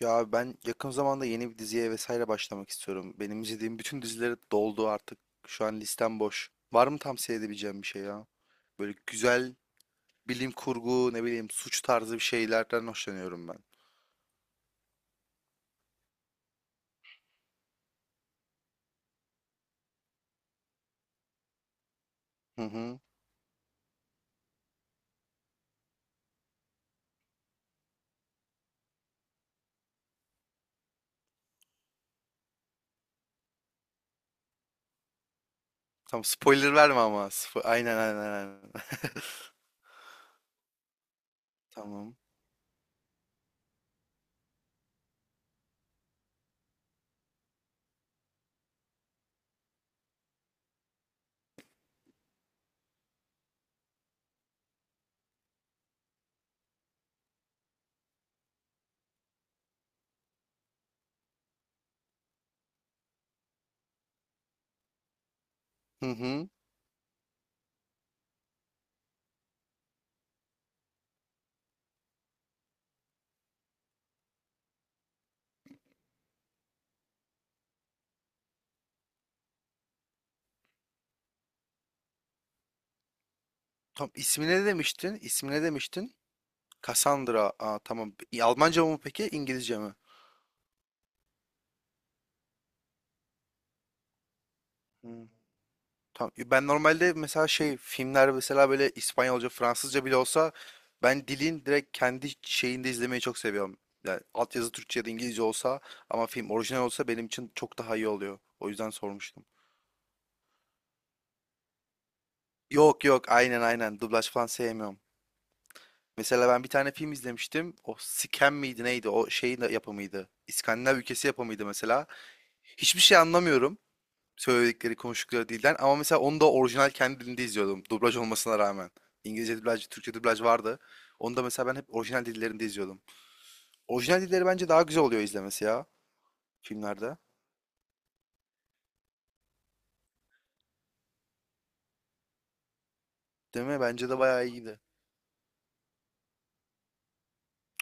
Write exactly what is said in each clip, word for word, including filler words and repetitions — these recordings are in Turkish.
Ya ben yakın zamanda yeni bir diziye vesaire başlamak istiyorum. Benim izlediğim bütün dizileri doldu artık. Şu an listem boş. Var mı tavsiye edebileceğim bir şey ya? Böyle güzel bilim kurgu, ne bileyim suç tarzı bir şeylerden hoşlanıyorum ben. Hı hı. Tamam spoiler verme ama. Spo- aynen, aynen, aynen. Tamam. Hı hı. Tam ismi ne demiştin? İsmi ne demiştin? Cassandra. Aa, tamam. İ- Almanca mı peki? İngilizce mi? Hı. Tam, ben normalde mesela şey filmler mesela böyle İspanyolca, Fransızca bile olsa ben dilin direkt kendi şeyinde izlemeyi çok seviyorum. Yani altyazı Türkçe ya da İngilizce olsa ama film orijinal olsa benim için çok daha iyi oluyor. O yüzden sormuştum. Yok yok, aynen aynen, dublaj falan sevmiyorum. Mesela ben bir tane film izlemiştim. O Scam miydi neydi? O şeyin de yapımıydı. İskandinav ülkesi yapımıydı mesela. Hiçbir şey anlamıyorum. Söyledikleri, konuştukları dilden ama mesela onu da orijinal kendi dilinde izliyordum dublaj olmasına rağmen. İngilizce dublaj, Türkçe dublaj vardı. Onu da mesela ben hep orijinal dillerinde izliyordum. Orijinal dilleri bence daha güzel oluyor izlemesi ya filmlerde. Değil mi? Bence de bayağı iyiydi.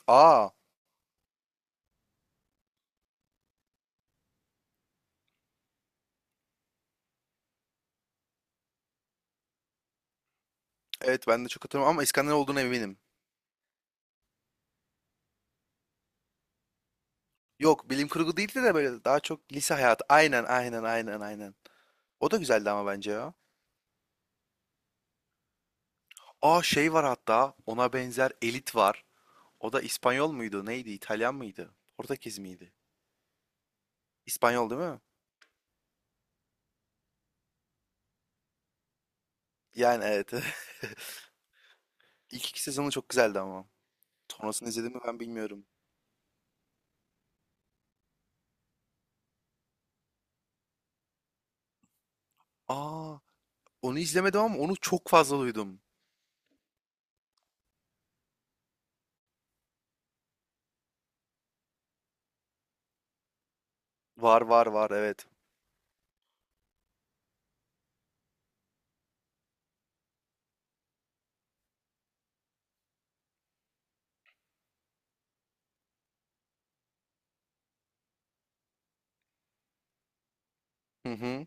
Aa, evet ben de çok hatırlamam ama İskandinav olduğuna eminim. Yok, bilim kurgu değildi de böyle daha çok lise hayatı. Aynen, aynen, aynen, aynen. O da güzeldi ama bence ya. Aa, şey var hatta ona benzer Elit var. O da İspanyol muydu? Neydi? İtalyan mıydı? Portekiz miydi? İspanyol değil mi? Yani evet. İlk iki sezonu çok güzeldi ama. Sonrasını izledim mi ben bilmiyorum. Aa, onu izlemedim ama onu çok fazla duydum. Var var var, evet. Hı hı.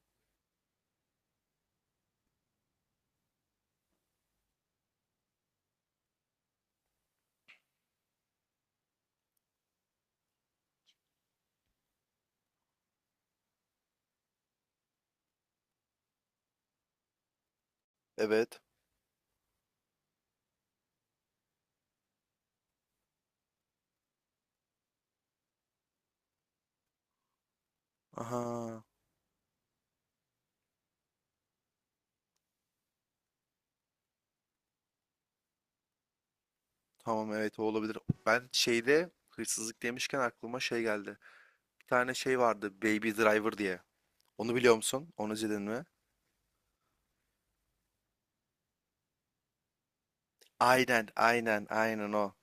Evet. Aha. Tamam, evet, o olabilir. Ben şeyde hırsızlık demişken aklıma şey geldi. Bir tane şey vardı Baby Driver diye. Onu biliyor musun? Onu izledin mi? Aynen, aynen, aynen o.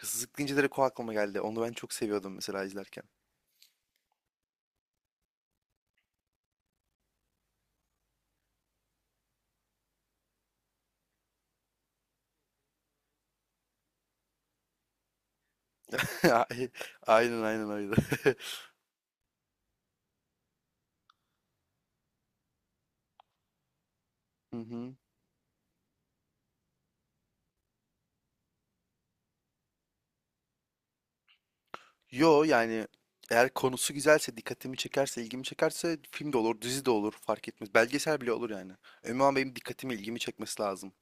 Hırsızlık deyince direkt o aklıma geldi. Onu ben çok seviyordum mesela izlerken. Aynen aynen öyle. Hı hı. Yo yani eğer konusu güzelse, dikkatimi çekerse, ilgimi çekerse film de olur, dizi de olur, fark etmez. Belgesel bile olur yani. Önemli olan benim dikkatimi, ilgimi çekmesi lazım.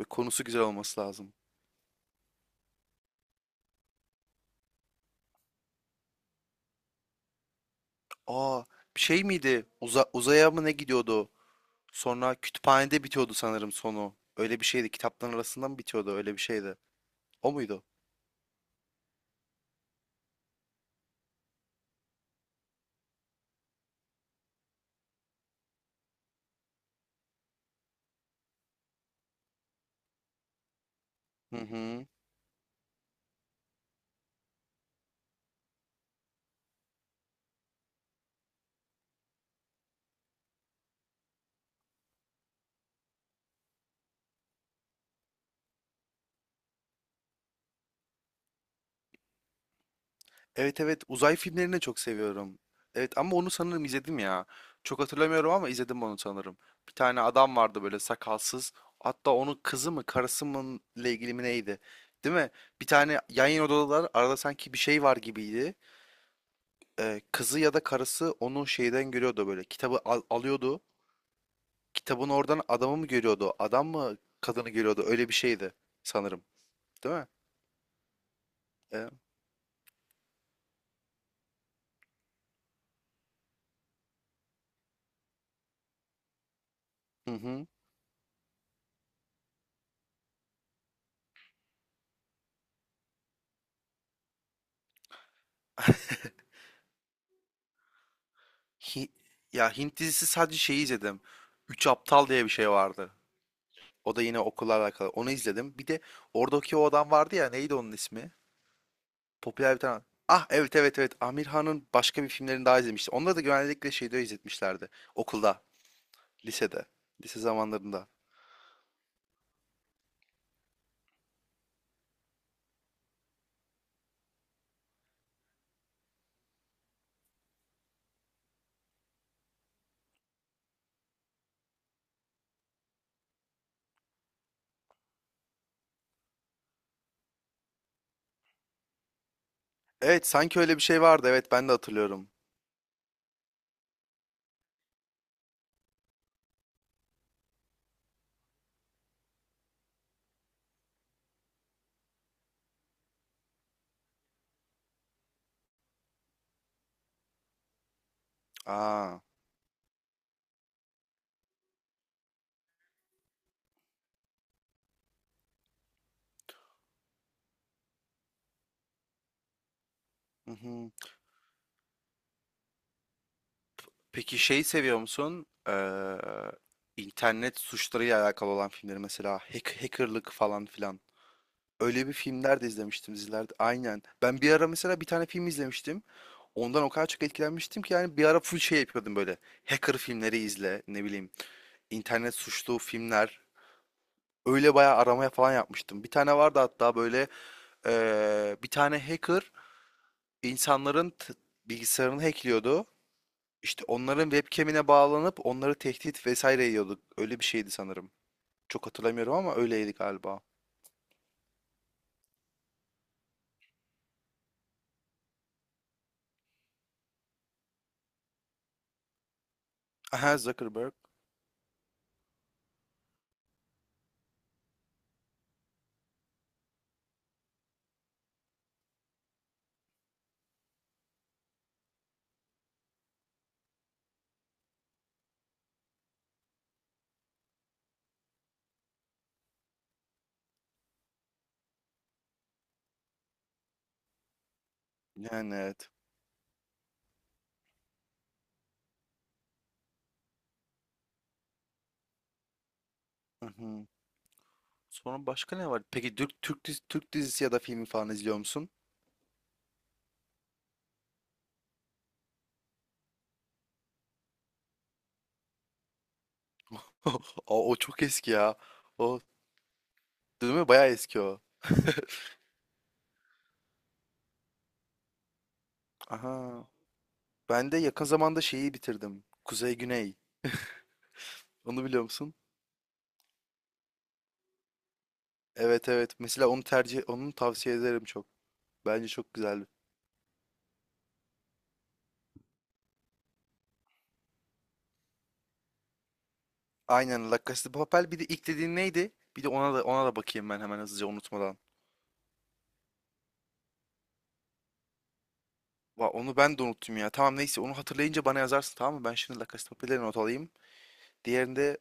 Ve konusu güzel olması lazım. Aa, bir şey miydi? Uza uzaya mı ne gidiyordu? Sonra kütüphanede bitiyordu sanırım sonu. Öyle bir şeydi. Kitapların arasında mı bitiyordu? Öyle bir şeydi. O muydu? Hı hı. Evet evet. Uzay filmlerini de çok seviyorum. Evet ama onu sanırım izledim ya. Çok hatırlamıyorum ama izledim onu sanırım. Bir tane adam vardı böyle sakalsız. Hatta onun kızı mı karısı mı ile ilgili mi neydi? Değil mi? Bir tane yan yana odalar arada sanki bir şey var gibiydi. Ee, kızı ya da karısı onu şeyden görüyordu böyle. Kitabı al- alıyordu. Kitabın oradan adamı mı görüyordu? Adam mı kadını görüyordu? Öyle bir şeydi sanırım. Değil mi? E, hı hı. Hi- ya Hint dizisi sadece şeyi izledim. Üç Aptal diye bir şey vardı. O da yine okulla alakalı. Onu izledim. Bir de oradaki o adam vardı ya, neydi onun ismi? Popüler bir tane. Ah, evet evet evet. Amir Han'ın başka bir filmlerini daha izlemiştim. Onları da genellikle şeyde izletmişlerdi. Okulda, lisede, lise zamanlarında. Evet, sanki öyle bir şey vardı. Evet ben de hatırlıyorum. Aa. Hı hı. Peki şey seviyor musun? Eee, internet suçlarıyla alakalı olan filmleri mesela hack, hackerlık falan filan. Öyle bir filmler de izlemiştim dizilerde. Aynen. Ben bir ara mesela bir tane film izlemiştim. Ondan o kadar çok etkilenmiştim ki yani bir ara full şey yapıyordum böyle. Hacker filmleri izle, ne bileyim, internet suçlu filmler. Öyle bayağı aramaya falan yapmıştım. Bir tane vardı hatta böyle eee, bir tane hacker insanların t- bilgisayarını hackliyordu. İşte onların webcam'ine bağlanıp onları tehdit vesaire yiyorduk. Öyle bir şeydi sanırım. Çok hatırlamıyorum ama öyleydi galiba. Aha, Zuckerberg. Yani evet. Hı hı. Sonra başka ne var? Peki Türk Türk dizi- Türk dizisi ya da filmi falan izliyor musun? O, o çok eski ya. O değil mi? Bayağı eski o. Aha. Ben de yakın zamanda şeyi bitirdim. Kuzey Güney. Onu biliyor musun? Evet evet. Mesela onu tercih onu tavsiye ederim çok. Bence çok güzel. Aynen, La Casa de Papel. Bir de ilk dediğin neydi? Bir de ona da ona da bakayım ben hemen hızlıca unutmadan. Va, onu ben de unuttum ya. Tamam neyse onu hatırlayınca bana yazarsın, tamam mı? Ben şimdi La Casa de Papel'e not alayım. Diğerini de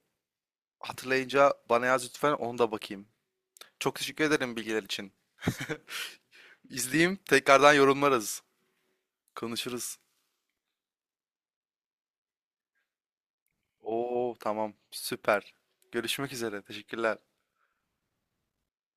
hatırlayınca bana yaz lütfen, onu da bakayım. Çok teşekkür ederim bilgiler için. İzleyeyim, tekrardan yorumlarız. Konuşuruz. Oo, tamam, süper. Görüşmek üzere. Teşekkürler.